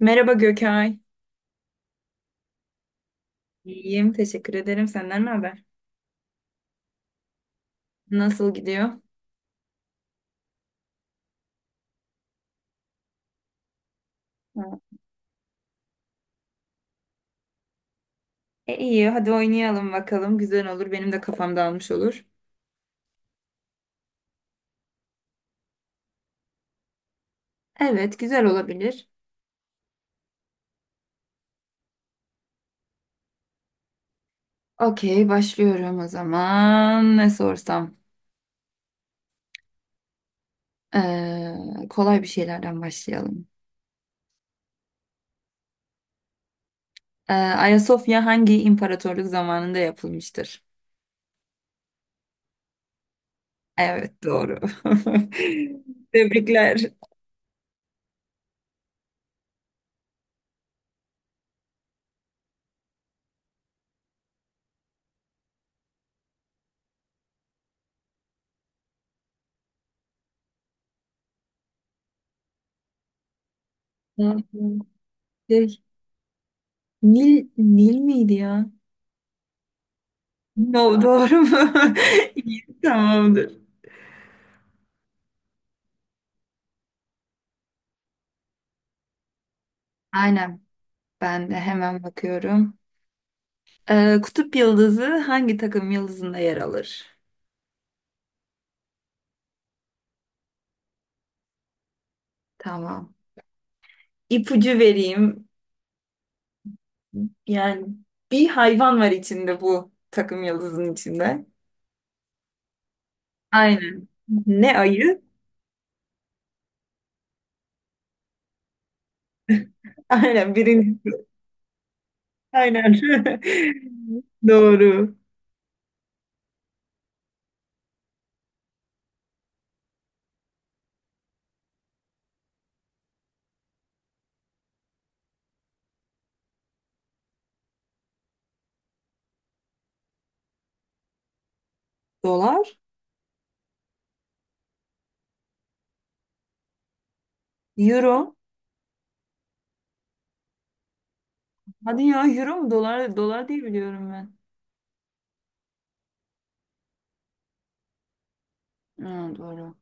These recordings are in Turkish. Merhaba Gökay. İyiyim, teşekkür ederim. Senden ne haber? Nasıl gidiyor? Ha, iyi, hadi oynayalım bakalım. Güzel olur, benim de kafam dağılmış olur. Evet, güzel olabilir. Okey, başlıyorum o zaman. Ne sorsam? Kolay bir şeylerden başlayalım. Ayasofya hangi imparatorluk zamanında yapılmıştır? Evet, doğru. Tebrikler. Hı hı. Şey, Nil, Nil miydi ya? No, doğru mu? İyi, tamamdır. Aynen. Ben de hemen bakıyorum. Kutup yıldızı hangi takım yıldızında yer alır? Tamam. İpucu vereyim. Yani bir hayvan var içinde bu takım yıldızın içinde. Aynen. Ne ayı? Aynen birinci. Aynen. Doğru. Dolar? Euro? Hadi ya euro mu? Dolar, dolar diye biliyorum ben. Hı, doğru.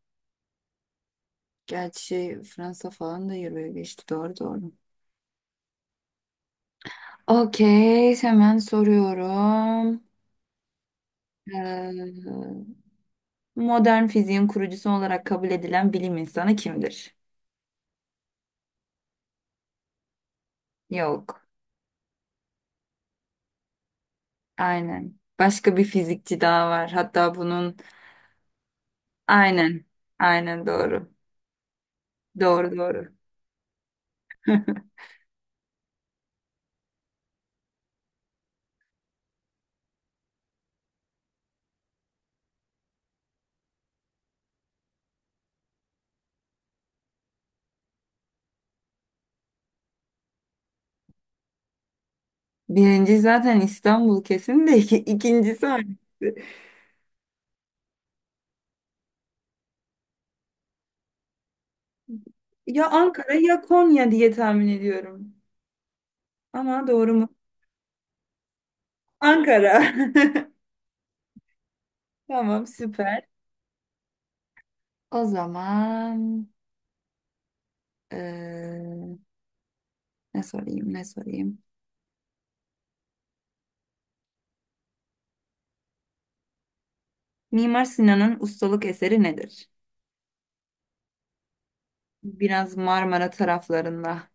Gerçi şey, Fransa falan da Euro'ya geçti. Doğru doğru. Okey. Hemen soruyorum. Ee, Modern fiziğin kurucusu olarak kabul edilen bilim insanı kimdir? Yok. Aynen. Başka bir fizikçi daha var. Hatta bunun... Aynen. Aynen doğru. Doğru doğru. Birinci zaten İstanbul kesin de ikincisi hangisi? Ya Ankara ya Konya diye tahmin ediyorum. Ama doğru mu? Ankara. Tamam süper. O zaman eee, ne sorayım ne sorayım. Mimar Sinan'ın ustalık eseri nedir? Biraz Marmara taraflarında.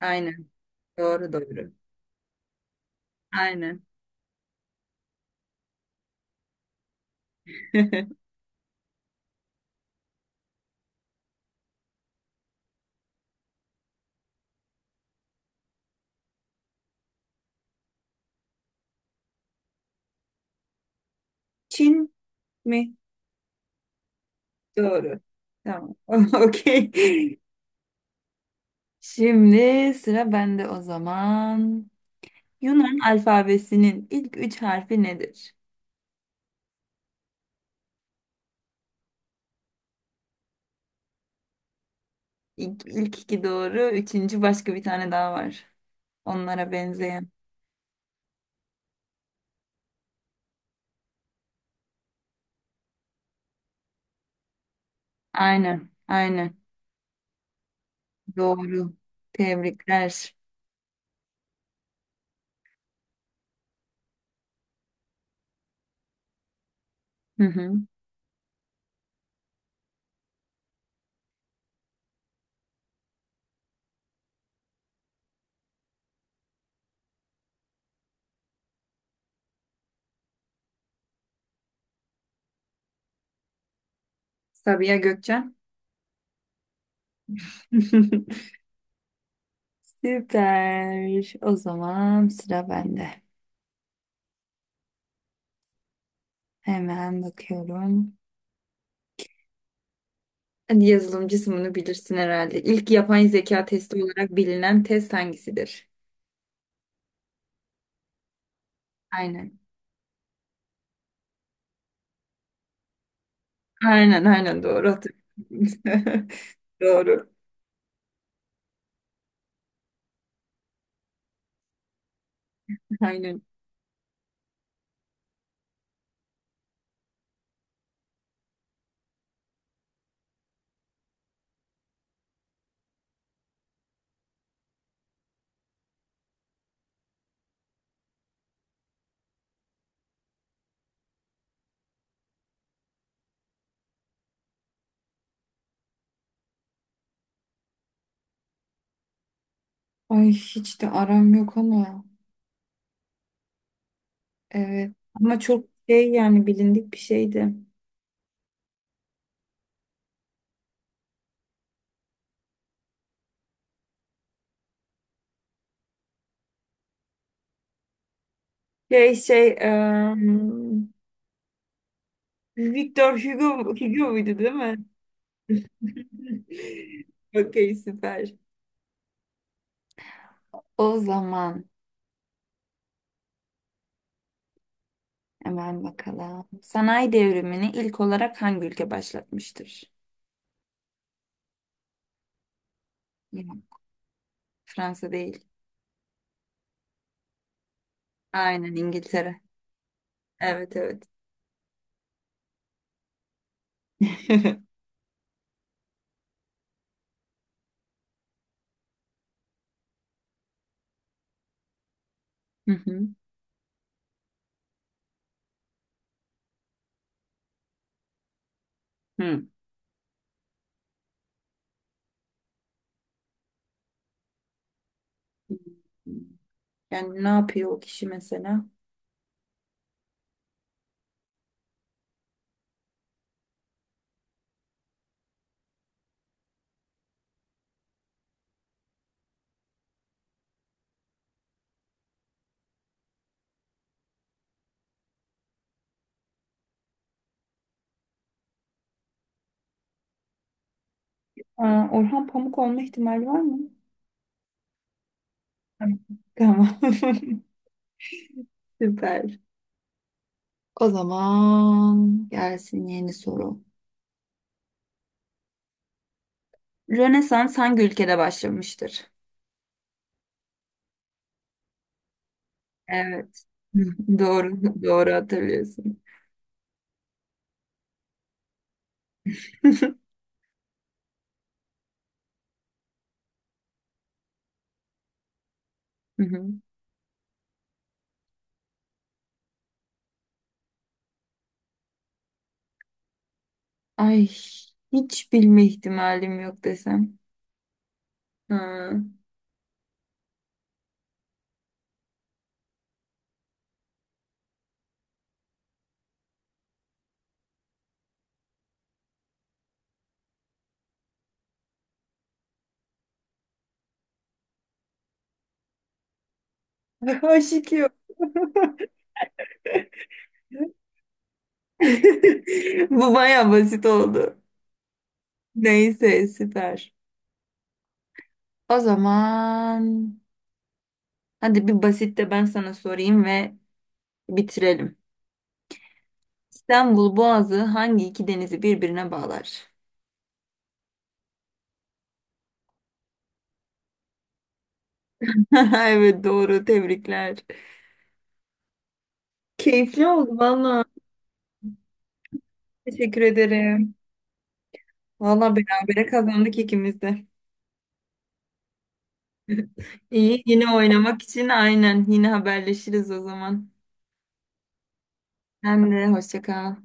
Aynen. Doğru doğru. Aynen. Çin mi? Doğru. Tamam. Okey. Şimdi sıra bende o zaman. Yunan alfabesinin ilk üç harfi nedir? İlk iki doğru. Üçüncü başka bir tane daha var. Onlara benzeyen. Aynen. Aynen. Doğru. Tebrikler. Hı hı. Sabiha Gökçen. Süper. O zaman sıra bende. Hemen bakıyorum. Hadi yazılımcısın bunu bilirsin herhalde. İlk yapay zeka testi olarak bilinen test hangisidir? Aynen. Aynen doğru hatırlıyorum. Doğru. Aynen. Ay hiç de aram yok ama. Evet. Ama çok şey yani bilindik bir şeydi. Şey şey eee, Victor Hugo, Hugo muydu değil mi? Okey süper. O zaman hemen bakalım. Sanayi devrimini ilk olarak hangi ülke başlatmıştır? Yine Fransa değil. Aynen İngiltere. Evet evet. Hı hı. Hı. Yani ne yapıyor o kişi mesela? Aa, Orhan Pamuk olma ihtimali var mı? Tamam. Tamam. Süper. O zaman gelsin yeni soru. Rönesans hangi ülkede başlamıştır? Evet. Doğru, doğru hatırlıyorsun. Hı hı. Ay, hiç bilme ihtimalim yok desem. Ha. Aşık yok. Bu baya basit oldu. Neyse, süper. O zaman hadi bir basit de ben sana sorayım ve bitirelim. İstanbul Boğazı hangi iki denizi birbirine bağlar? Evet doğru tebrikler. Keyifli oldu valla. Teşekkür ederim. Valla berabere kazandık ikimiz de. İyi, yine oynamak için aynen. Yine haberleşiriz o zaman. Sen de hoşça kal.